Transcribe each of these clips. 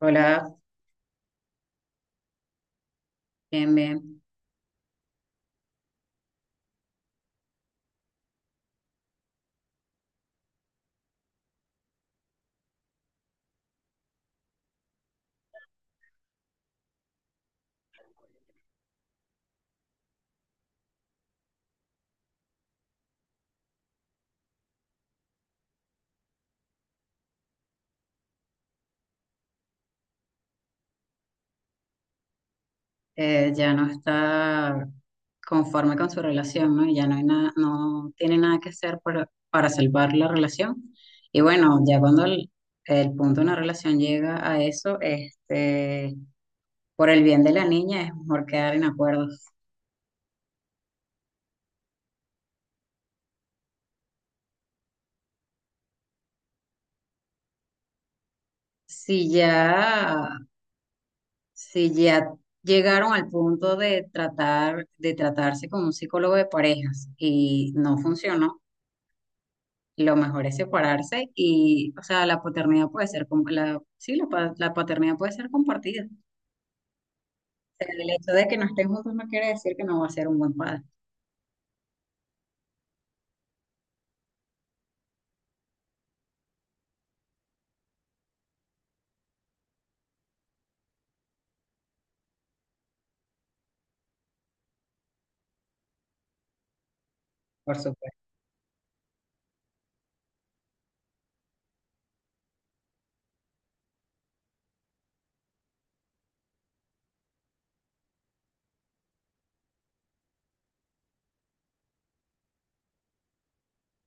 Hola, bien, bien. Ya no está conforme con su relación, ¿no? Y ya no hay nada, no tiene nada que hacer para salvar la relación. Y bueno, ya cuando el punto de una relación llega a eso, por el bien de la niña es mejor quedar en acuerdos. Si ya, si ya llegaron al punto de tratar, de tratarse con un psicólogo de parejas y no funcionó, lo mejor es separarse y, o sea, la paternidad puede ser, com- la, sí, la, pa- la paternidad puede ser compartida. O sea, el hecho de que no estén juntos no quiere decir que no va a ser un buen padre, por supuesto.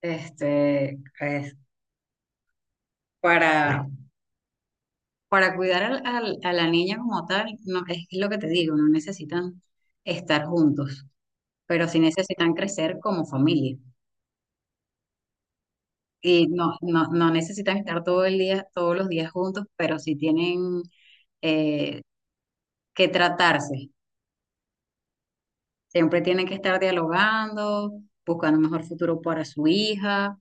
Es para, para cuidar a la niña como tal, no, es lo que te digo, no necesitan estar juntos, pero sí necesitan crecer como familia. Y no necesitan estar todo el día, todos los días juntos, pero sí tienen eh, que tratarse. Siempre tienen que estar dialogando, buscando un mejor futuro para su hija,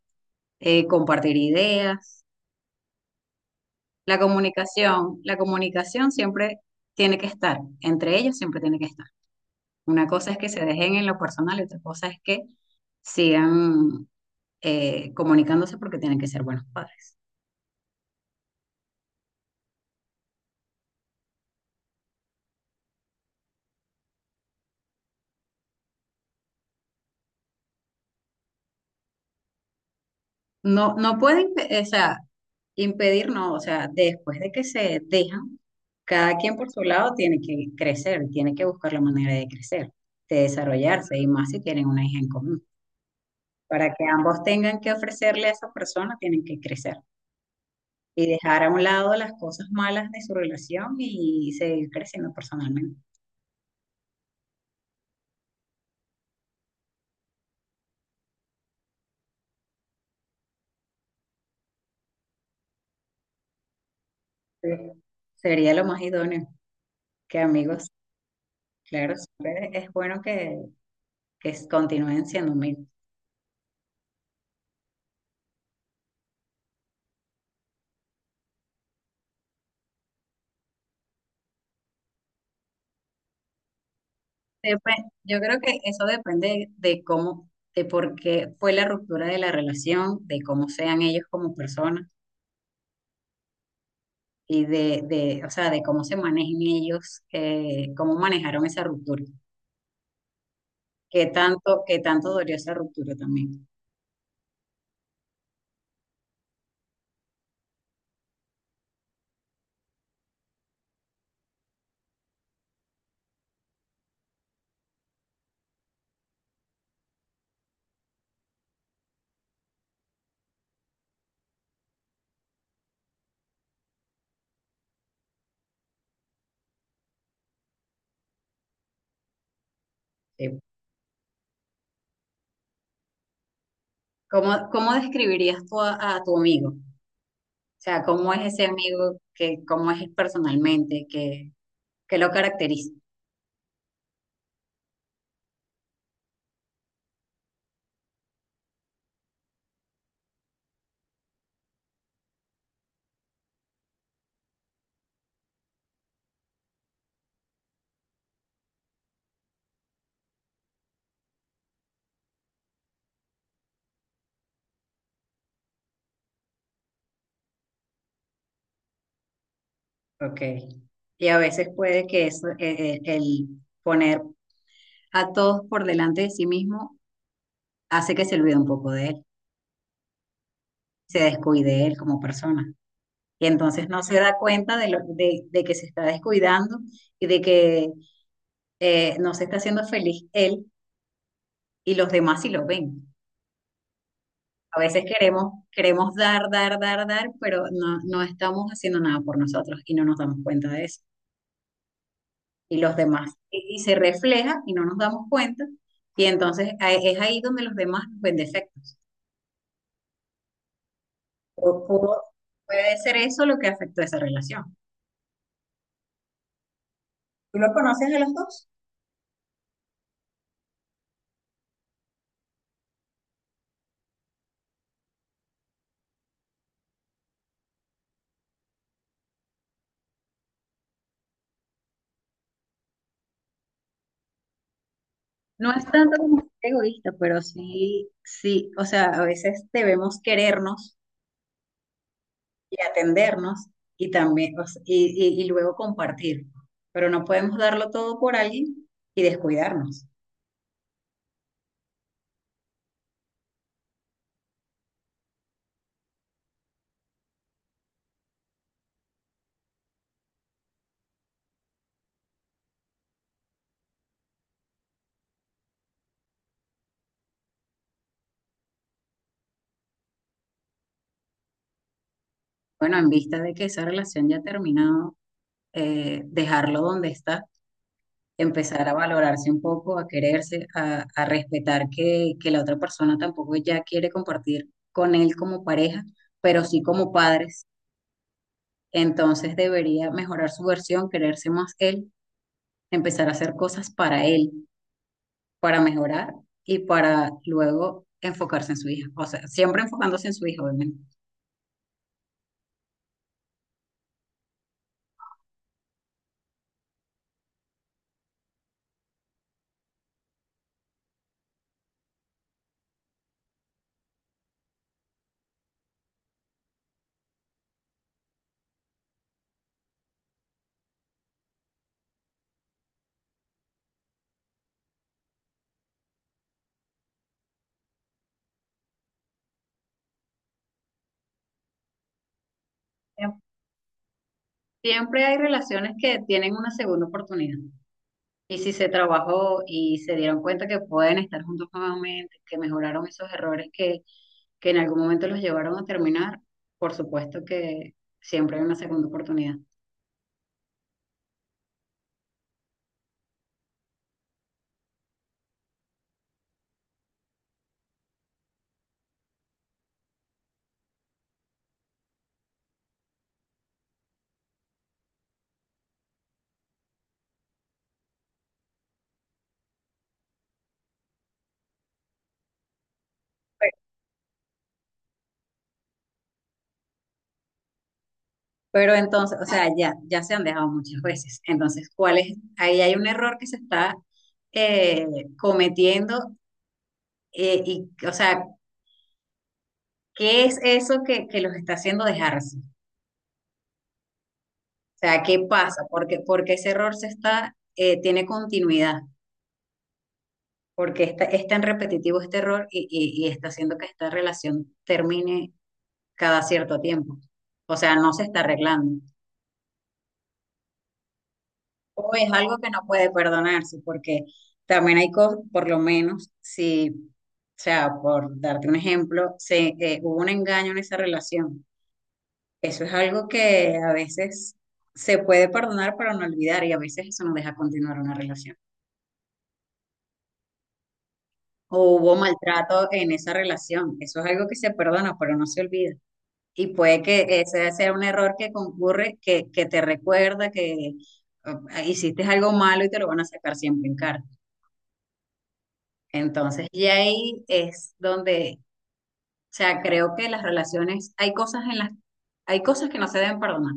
compartir ideas. La comunicación siempre tiene que estar, entre ellos siempre tiene que estar. Una cosa es que se dejen en lo personal y otra cosa es que sigan comunicándose porque tienen que ser buenos padres. No pueden, o sea, impedir, no, o sea, después de que se dejan, cada quien por su lado tiene que crecer, tiene que buscar la manera de crecer, de desarrollarse y más si tienen una hija en común. Para que ambos tengan que ofrecerle a esa persona, tienen que crecer y dejar a un lado las cosas malas de su relación y seguir creciendo personalmente. Sí. Sería lo más idóneo que amigos, claro, siempre es bueno que continúen siendo amigos. Yo creo que eso depende de cómo, de por qué fue la ruptura de la relación, de cómo sean ellos como personas y o sea, de cómo se manejen ellos, cómo manejaron esa ruptura, qué tanto dolió esa ruptura también. Sí. ¿Cómo describirías tú a tu amigo? O sea, ¿cómo es ese amigo que, cómo es personalmente, que lo caracteriza? Ok. Y a veces puede que eso, el poner a todos por delante de sí mismo hace que se olvide un poco de él, se descuide él como persona. Y entonces no se da cuenta de que se está descuidando y de que no se está haciendo feliz él y los demás sí lo ven. A veces queremos dar, pero no estamos haciendo nada por nosotros y no nos damos cuenta de eso. Y los demás, y se refleja y no nos damos cuenta. Y entonces es ahí donde los demás nos ven defectos. O- o- Puede ser eso lo que afectó esa relación. ¿Tú lo conoces a los dos? No es tanto como ser egoísta, pero sí, o sea, a veces debemos querernos y atendernos y también, o sea, y luego compartir, pero no podemos darlo todo por alguien y descuidarnos. Bueno, en vista de que esa relación ya ha terminado, dejarlo donde está, empezar a valorarse un poco, a quererse, a respetar que la otra persona tampoco ya quiere compartir con él como pareja, pero sí como padres. Entonces debería mejorar su versión, quererse más él, empezar a hacer cosas para él, para mejorar, y para luego enfocarse en su hija. O sea, siempre enfocándose en su hija, obviamente. Siempre hay relaciones que tienen una segunda oportunidad. Y si se trabajó y se dieron cuenta que pueden estar juntos nuevamente, que mejoraron esos errores que en algún momento los llevaron a terminar, por supuesto que siempre hay una segunda oportunidad. Pe- Pero entonces, o sea, ya se han dejado muchas veces. Entonces, ¿cuál es? Ahí hay un error que se está eh, cometiendo, y, o sea, ¿qué es eso que los está haciendo dejarse? O sea, ¿qué pasa? Porque ese error se está, tiene continuidad. Porque es tan repetitivo este error y, y está haciendo que esta relación termine cada cierto tiempo. O sea, no se está arreglando. O es algo que no puede perdonarse, porque también hay cosas, por lo menos, si, o sea, por darte un ejemplo, hubo un engaño en esa relación. Eso es algo que a veces se puede perdonar para no olvidar y a veces eso nos deja continuar una relación. O hubo maltrato en esa relación. Eso es algo que se perdona, pero no se olvida. Y puede que ese sea un error que concurre, que te recuerda que hiciste algo malo y te lo van a sacar siempre en cara. Entonces, y ahí es donde, o sea, creo que las relaciones, hay cosas en hay cosas que no se deben perdonar,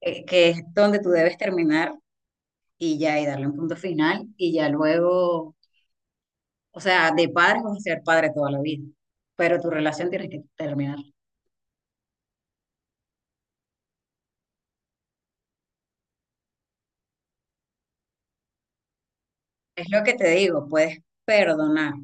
que es donde tú debes terminar y ya, y darle un punto final, y ya luego, o sea, de padre vas a ser padre toda la vida, pero tu relación tienes que terminar. Es lo que te digo, puedes perdonar,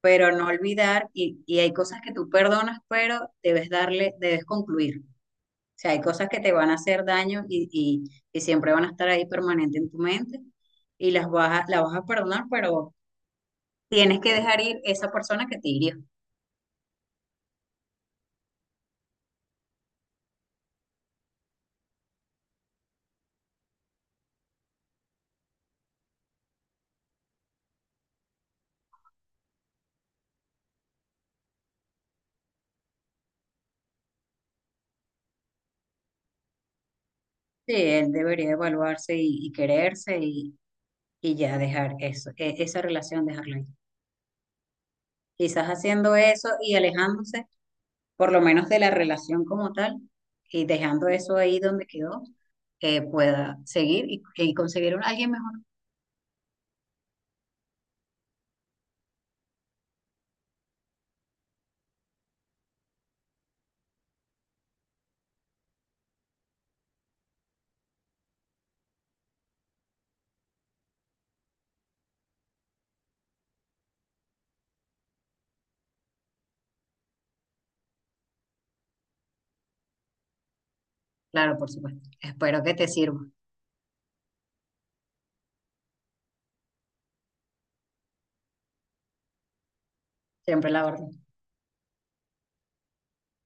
pero no olvidar y hay cosas que tú perdonas, pero debes darle, debes concluir. O sea, hay cosas que te van a hacer daño y siempre van a estar ahí permanente en tu mente y las las vas a perdonar, pero tienes que dejar ir esa persona que te hirió. Sí, él debería evaluarse y quererse y ya dejar eso, esa relación, dejarla ahí. Quizás haciendo eso y alejándose, por lo menos de la relación como tal, y dejando eso ahí donde quedó, pueda seguir y conseguir un alguien mejor. Claro, por supuesto. Espero que te sirva. Siempre la orden.